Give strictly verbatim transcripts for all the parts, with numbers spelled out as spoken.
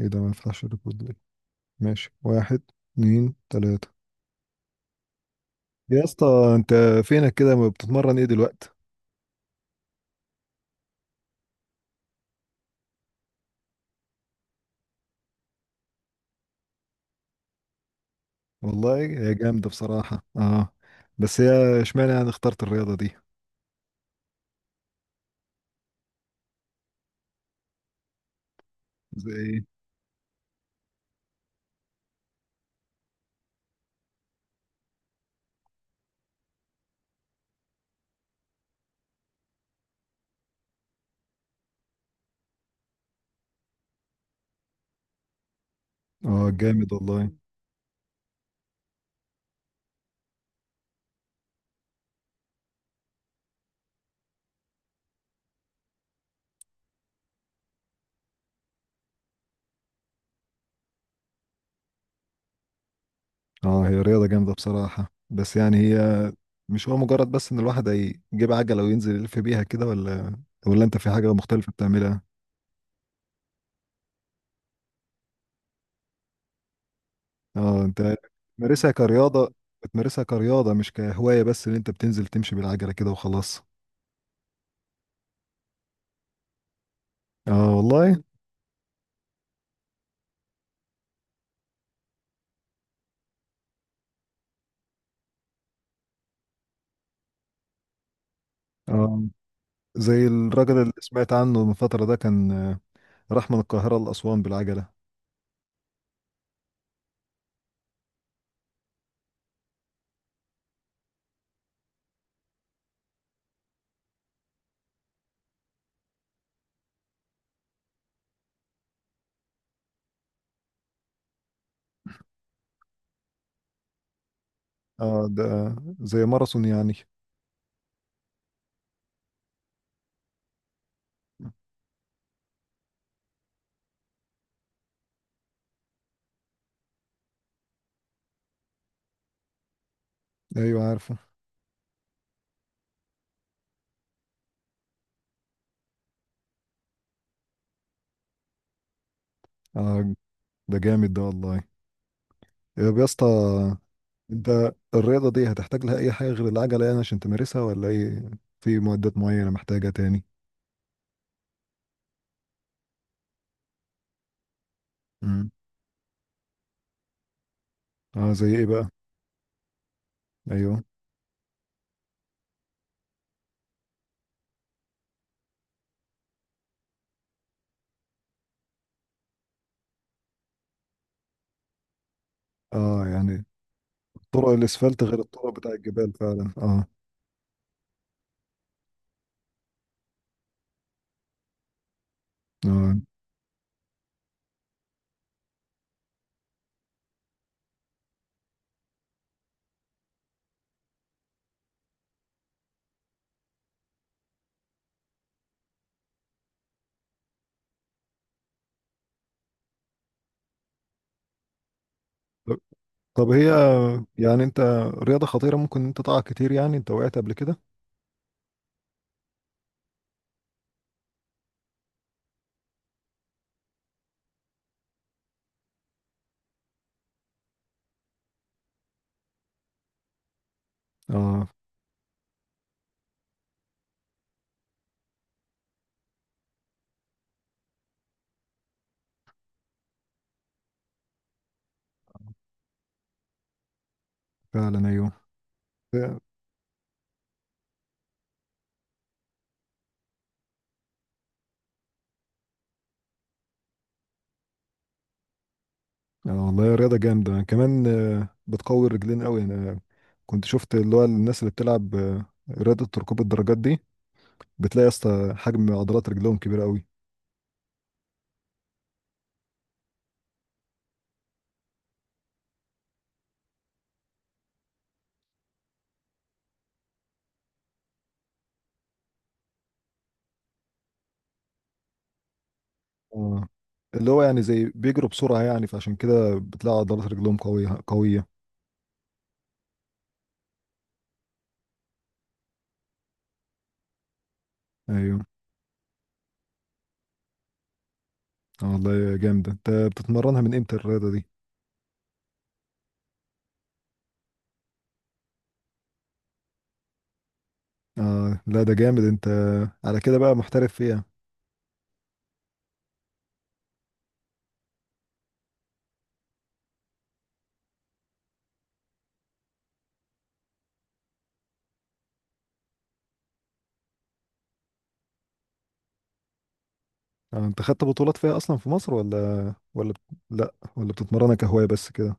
ايه ده ما يفتحش الريكورد ليه؟ ماشي. واحد، اتنين، تلاتة. يا اسطى، انت فينك كده؟ ما بتتمرن ايه دلوقتي؟ والله هي جامدة بصراحة، اه. بس هي اشمعنى يعني اخترت الرياضة دي؟ زي ايه؟ اه، جامد والله. اه، هي رياضة جامدة بصراحة، بس يعني هي مش هو مجرد بس ان الواحد يجيب عجلة وينزل يلف بيها كده، ولا ولا انت في حاجة مختلفة بتعملها؟ اه، انت بتمارسها كرياضة بتمارسها كرياضة مش كهواية، بس ان انت بتنزل تمشي بالعجلة كده وخلاص؟ اه والله. اه، زي الراجل اللي سمعت عنه من فترة ده كان، آه، راح من القاهرة لأسوان بالعجلة. اه، ده زي ماراثون يعني. ايوه، عارفه. اه، ده جامد ده والله. طب يا اسطى، انت الرياضة دي هتحتاج لها اي حاجة غير العجلة يعني عشان تمارسها، ولا ايه؟ في معدات معينة محتاجة تاني؟ امم اه، زي ايه بقى؟ ايوه. اه يعني، طرق الاسفلت غير الطرق بتاع الجبال فعلا، اه. اه. طب طب، هي يعني انت، رياضة خطيرة ممكن انت تقع كتير، يعني انت وقعت قبل كده؟ اه فعلا، ايوه، ف- اه والله، رياضة جامدة كمان، آه، بتقوي الرجلين قوي. انا كنت شفت اللي هو الناس اللي بتلعب آه، رياضة ركوب الدراجات دي، بتلاقي يا اسطى حجم عضلات رجلهم كبير قوي. اه، اللي هو يعني زي بيجروا بسرعة يعني فعشان كده بتلاقي عضلات رجلهم قوية قوية. ايوه. اه والله، جامدة. انت بتتمرنها من امتى الرياضة دي؟ اه، لا ده جامد. انت على كده بقى محترف فيها. آه، انت خدت بطولات فيها اصلا في مصر، ولا ولا بت- لا، ولا بتتمرنها كهواية بس كده؟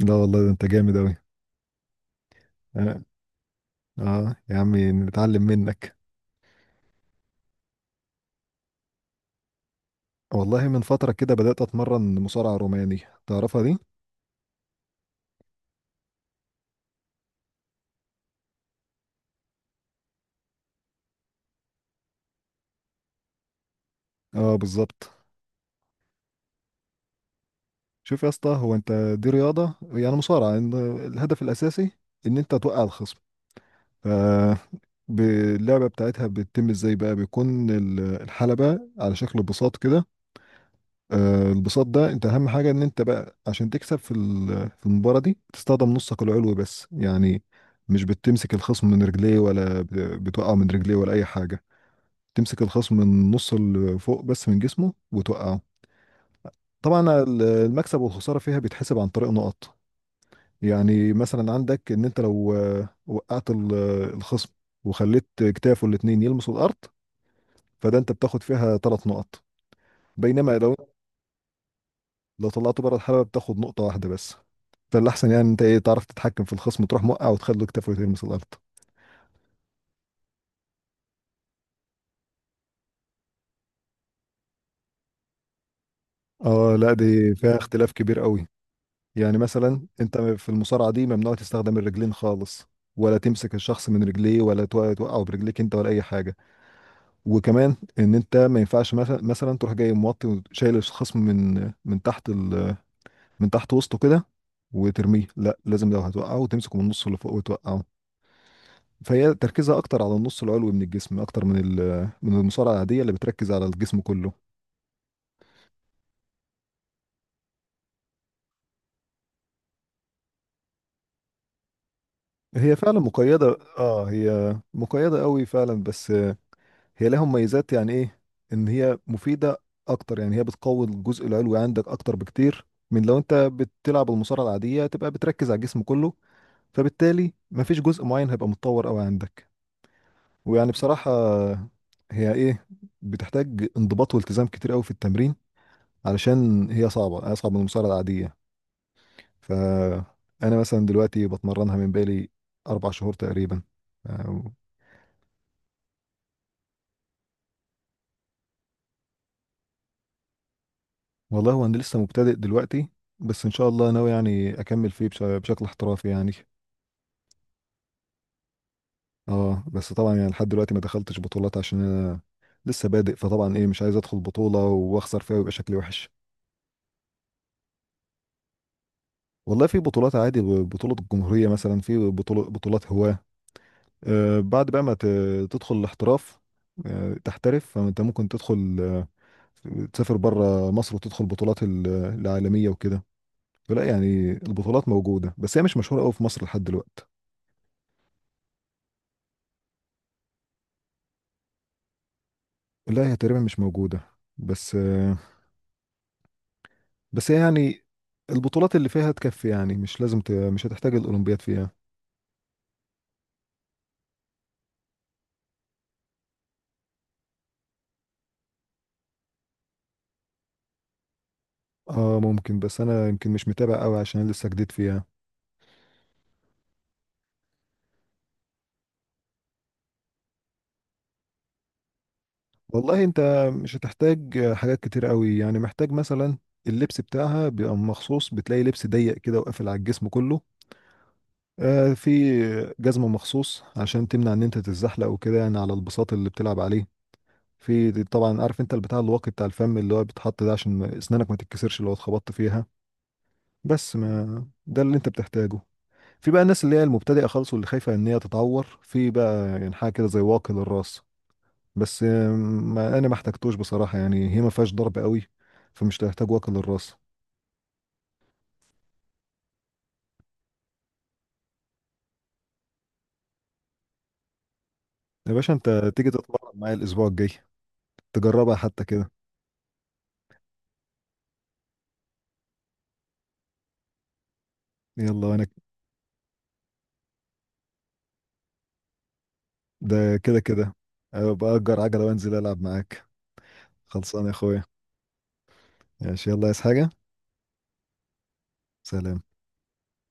لا والله، ده انت جامد اوي. اه، آه، يا عمي نتعلم منك. والله من فترة كده بدأت اتمرن مصارعة روماني. تعرفها دي؟ اه، بالظبط. شوف يا اسطى، هو انت دي رياضة يعني مصارعة، إن الهدف الاساسي ان انت توقع الخصم. ف- ب- اللعبة بتاعتها بتتم ازاي بقى؟ بيكون ال- الحلبة على شكل بساط كده. آه، البساط ده، انت اهم حاجه ان انت بقى عشان تكسب في ال- في المباراه دي تستخدم نصك العلوي بس يعني. مش بتمسك الخصم من رجليه، ولا بت- بتوقعه من رجليه ولا اي حاجه. تمسك الخصم من نص اللي فوق بس من جسمه وتوقعه. طبعا ال- المكسب والخساره فيها بيتحسب عن طريق نقط. يعني مثلا عندك ان انت لو آه، وقعت ال- آه، الخصم وخليت كتافه الاتنين يلمسوا الارض، فده انت بتاخد فيها ثلاث نقط. بينما لو، لو طلعته بره الحلبه بتاخد نقطه واحده بس. فالاحسن يعني انت ايه، تعرف تتحكم في الخصم تروح موقع وتخليه كتفه يلمس الارض. اه لا، دي فيها اختلاف كبير قوي. يعني مثلا انت في المصارعه دي ممنوع تستخدم الرجلين خالص. ولا تمسك الشخص من رجليه، ولا تو- توقعه برجليك انت ولا اي حاجه. وكمان ان انت ما ينفعش مثلا مثلا تروح جاي موطي وشايل الخصم من من تحت ال... من تحت وسطه كده وترميه. لا، لازم لو هتوقعه تمسكه من النص اللي فوق وتوقعه. فهي تركيزها اكتر على النص العلوي من الجسم، اكتر من ال... من المصارعه العاديه اللي بتركز على الجسم كله. هي فعلا مقيدة، اه، هي مقيدة قوي فعلا، بس آه، هي لها مميزات، يعني ايه، ان هي مفيدة اكتر. يعني هي بتقوي الجزء العلوي عندك اكتر بكتير من لو انت بتلعب المصارعة العادية تبقى بتركز على الجسم كله. فبالتالي مفيش جزء معين هيبقى متطور قوي عندك. ويعني بصراحة، آه، هي ايه، بتحتاج انضباط والتزام كتير قوي في التمرين، علشان هي صعبة، اصعب من المصارعة العادية. فانا مثلا دلوقتي بتمرنها من بالي اربع شهور تقريبا، آه، والله هو انا لسه مبتدئ دلوقتي. بس ان شاء الله ناوي يعني اكمل فيه بش- بشكل احترافي يعني. اه، بس طبعا يعني لحد دلوقتي ما دخلتش بطولات عشان انا لسه بادئ، فطبعا ايه، مش عايز ادخل بطولة واخسر فيها ويبقى شكلي وحش. والله في بطولات عادي. ب- بطولة الجمهورية مثلا، في بطولة، بطولات هواة. آه، بعد بقى ما ت- تدخل الاحتراف، آه تحترف، فانت ممكن تدخل، آه تسافر بره مصر وتدخل بطولات ال- العالمية وكده. فلا يعني البطولات موجودة، بس هي مش مشهورة قوي في مصر لحد دلوقتي. لا، هي تقريبا مش موجودة. بس آه، بس هي يعني البطولات اللي فيها تكفي، يعني مش لازم ت... مش هتحتاج الأولمبياد فيها. اه ممكن، بس انا يمكن مش متابع قوي عشان لسه جديد فيها. والله انت مش هتحتاج حاجات كتير قوي، يعني محتاج مثلا اللبس بتاعها بيبقى مخصوص، بتلاقي لبس ضيق كده وقافل على الجسم كله. آه، في جزمة مخصوص عشان تمنع ان انت تتزحلق وكده، يعني على البساط اللي بتلعب عليه. في طبعا، عارف انت البتاع الواقي بتاع الفم اللي هو بيتحط ده، عشان اسنانك ما تتكسرش لو اتخبطت فيها. بس ما ده اللي انت بتحتاجه. في بقى الناس اللي هي المبتدئه خالص واللي خايفه ان هي تتعور، في بقى يعني حاجه كده زي واقي للراس. بس آم، ما انا ما احتاجتوش بصراحه، يعني هي ما فيهاش ضرب قوي. فمش هتحتاج واقي للراس. يا باشا، انت تيجي تتمرن معايا الاسبوع الجاي، تجربها حتى كده. يلا، وانا ك- ده كده كده. أبقى اجر عجله وانزل العب معاك. خلصان يا اخويا. ماشي، يلا، عايز حاجه؟ سلام.